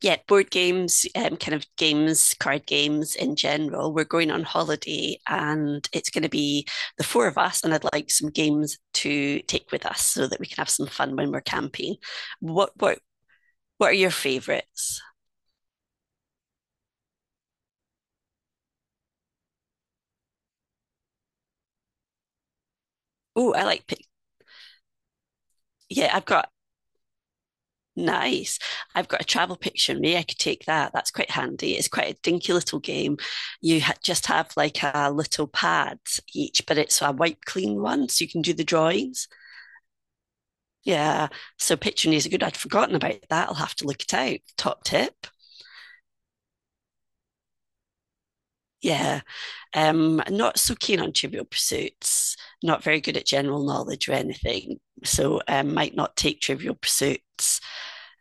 Yeah, board games, kind of games, card games in general. We're going on holiday and it's going to be the four of us, and I'd like some games to take with us so that we can have some fun when we're camping. What what what are your favorites? Oh, I yeah, I've got nice. I've got a travel picture. Maybe I could take that. That's quite handy. It's quite a dinky little game. Just have like a little pad each, but it's a wipe clean one, so you can do the drawings. Yeah. So pitching is good. I'd forgotten about that. I'll have to look it out. Top tip. Yeah. Not so keen on trivial pursuits, not very good at general knowledge or anything. So might not take trivial pursuits.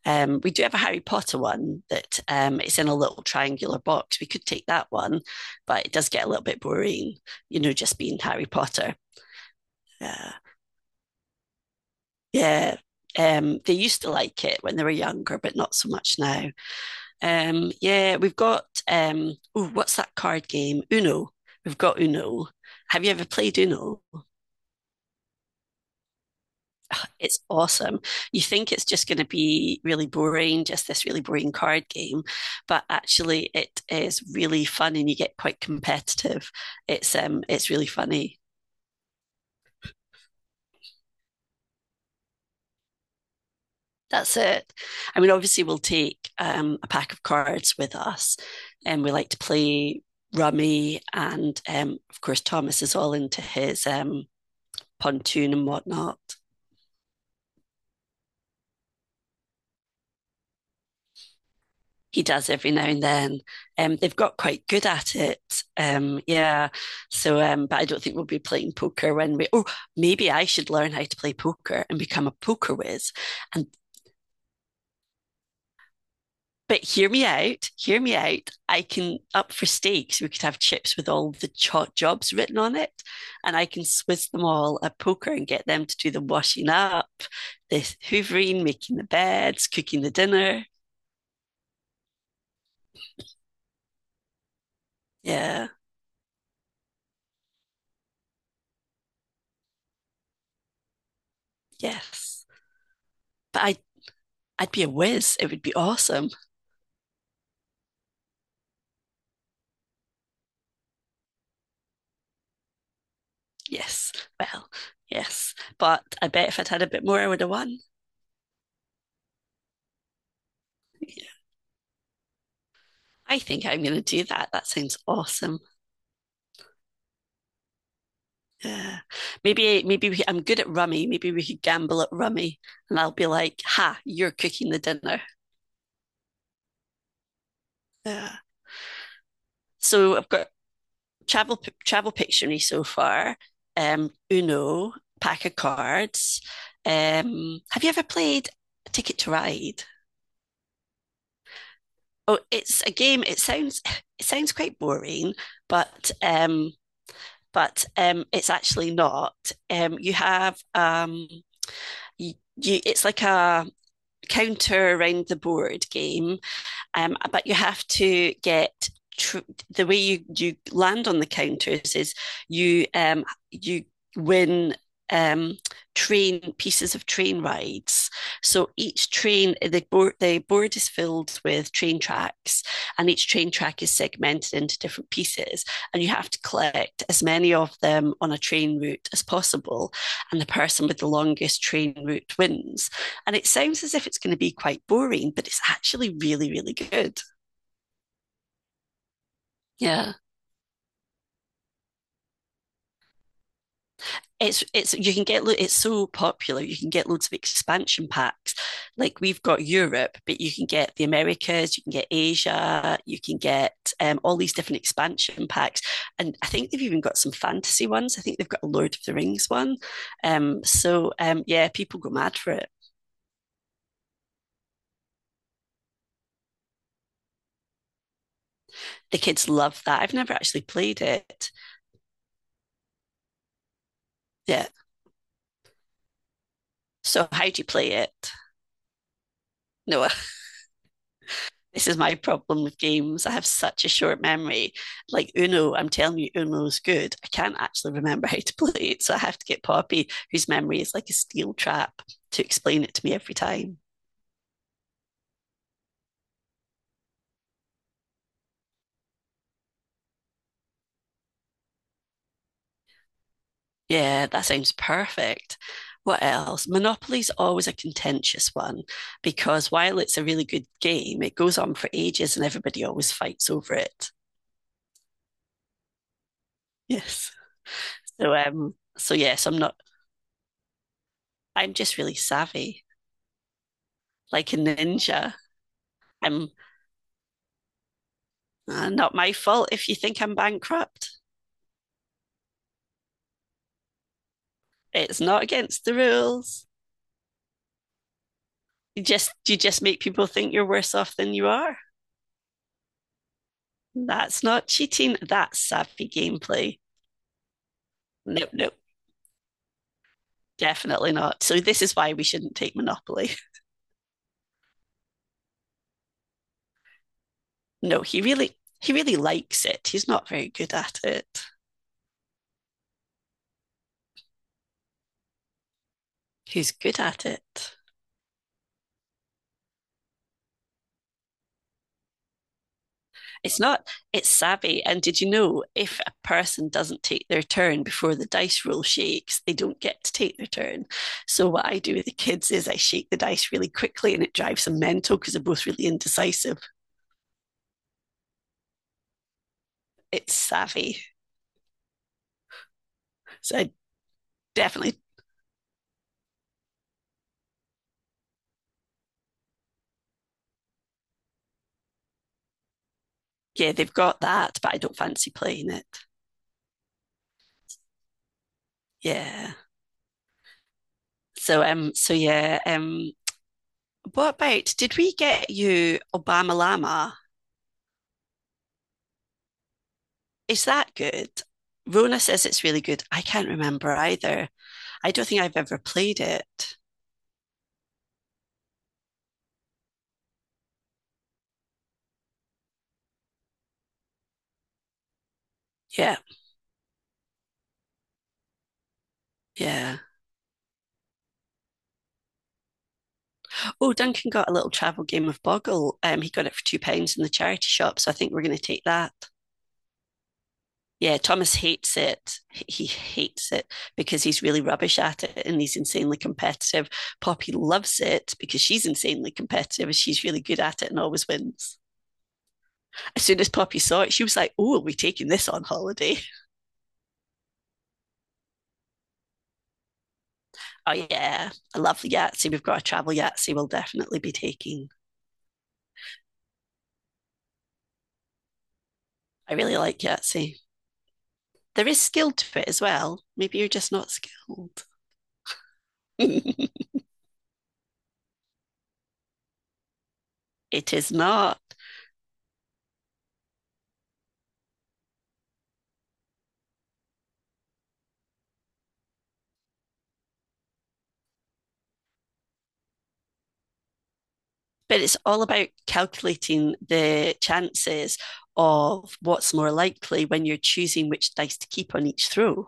We do have a Harry Potter one that it's in a little triangular box. We could take that one, but it does get a little bit boring, just being Harry Potter. Yeah. Yeah. They used to like it when they were younger, but not so much now. Yeah, we've got ooh, what's that card game? Uno. We've got Uno. Have you ever played Uno? It's awesome. You think it's just going to be really boring, just this really boring card game, but actually it is really fun and you get quite competitive. It's really funny. That's it. I mean, obviously we'll take a pack of cards with us and we like to play rummy and of course Thomas is all into his pontoon and whatnot. He does every now and then. They've got quite good at it. Yeah. But I don't think we'll be playing poker when we. Oh, maybe I should learn how to play poker and become a poker whiz. And but hear me out. Hear me out. I can up for stakes. We could have chips with all the jobs written on it, and I can swizz them all at poker and get them to do the washing up, the hoovering, making the beds, cooking the dinner. Yeah. Yes. But I'd be a whiz. It would be awesome. Yes. Well, yes. But I bet if I'd had a bit more, I would have won. Yeah. I think I'm going to do that. That sounds awesome. Yeah. Maybe, maybe we, I'm good at rummy. Maybe we could gamble at rummy and I'll be like, ha, you're cooking the dinner. Yeah. So I've got travel pictionary so far, Uno, pack of cards. Have you ever played Ticket to Ride? Oh, it's a game. It sounds quite boring, but um, but it's actually not. You have you, it's like a counter around the board game, but you have to tr- the way you land on the counters is you win um, train pieces of train rides. So each train, the board is filled with train tracks, and each train track is segmented into different pieces, and you have to collect as many of them on a train route as possible, and the person with the longest train route wins. And it sounds as if it's going to be quite boring, but it's actually really, really good. Yeah. You can it's so popular. You can get loads of expansion packs. Like we've got Europe, but you can get the Americas, you can get Asia, you can get all these different expansion packs. And I think they've even got some fantasy ones. I think they've got a Lord of the Rings one. So, yeah, people go mad for it. The kids love that. I've never actually played it. Yeah. So, how do you play it? No, this is my problem with games. I have such a short memory. Like Uno, I'm telling you, Uno's good. I can't actually remember how to play it. So I have to get Poppy, whose memory is like a steel trap, to explain it to me every time. Yeah, that sounds perfect. What else? Monopoly's always a contentious one because while it's a really good game, it goes on for ages and everybody always fights over it. Yes. So yes, I'm not I'm just really savvy. Like a ninja. I'm "Ah, not my fault if you think I'm bankrupt. It's not against the rules. You just make people think you're worse off than you are. That's not cheating. That's savvy gameplay. Nope, nope, definitely not. So this is why we shouldn't take Monopoly. No, he really likes it. He's not very good at it. Who's good at it? It's not, it's savvy. And did you know if a person doesn't take their turn before the dice roll shakes, they don't get to take their turn? So, what I do with the kids is I shake the dice really quickly and it drives them mental because they're both really indecisive. It's savvy. So, I definitely, yeah, they've got that, but I don't fancy playing it. Yeah. So, yeah, what about did we get you Obama Llama? Is that good? Rona says it's really good. I can't remember either. I don't think I've ever played it. Yeah, yeah. Oh, Duncan got a little travel game of Boggle. He got it for £2 in the charity shop, so I think we're going to take that. Yeah, Thomas hates it. He hates it because he's really rubbish at it and he's insanely competitive. Poppy loves it because she's insanely competitive and she's really good at it and always wins. As soon as Poppy saw it, she was like, Oh, are we taking this on holiday? Oh, yeah. I love the Yahtzee. We've got a travel Yahtzee we'll definitely be taking. I really like Yahtzee. There is skill to it as well. Maybe you're just not skilled. It is not. But it's all about calculating the chances of what's more likely when you're choosing which dice to keep on each throw.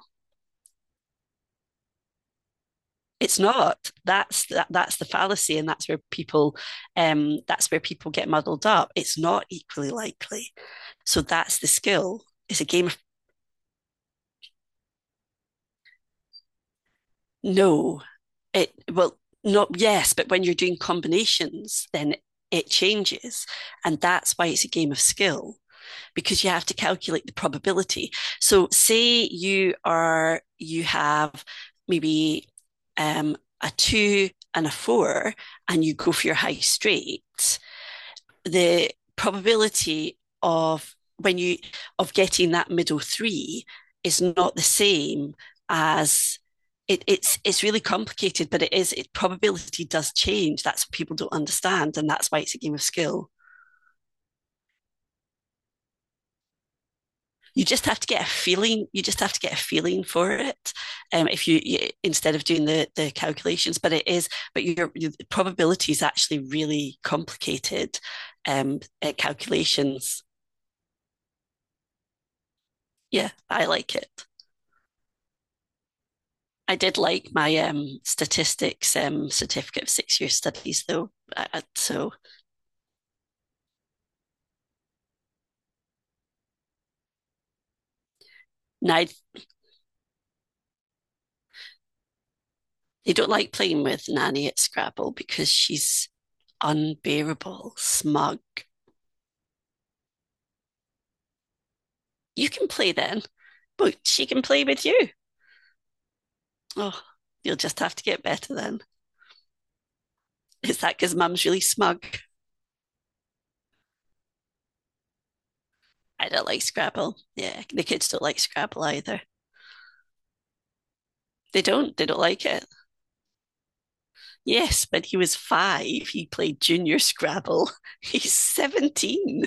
It's not. That's the fallacy, and that's where that's where people get muddled up. It's not equally likely. So that's the skill. It's a game of no. It well not yes but when you're doing combinations then it changes and that's why it's a game of skill because you have to calculate the probability so say you are you have maybe, um, a two and a four and you go for your high straight the probability of when you of getting that middle three is not the same as it's really complicated, but it is it probability does change. That's what people don't understand, and that's why it's a game of skill. You just have to get a feeling. You just have to get a feeling for it. If you, You instead of doing the calculations, but it is, your probability is actually really complicated. Calculations. Yeah, I like it. I did like my statistics certificate of 6 year studies, though. So now they don't like playing with Nanny at Scrabble because she's unbearable, smug. You can play then, but she can play with you. Oh, you'll just have to get better then. Is that because mum's really smug? I don't like Scrabble. Yeah, the kids don't like Scrabble either. They don't. They don't like it. Yes, but he was five. He played junior Scrabble. He's 17.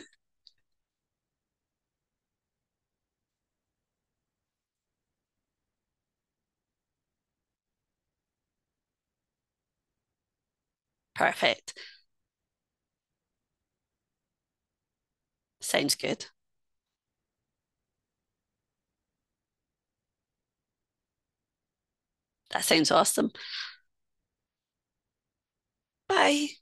Perfect. Sounds good. That sounds awesome. Bye.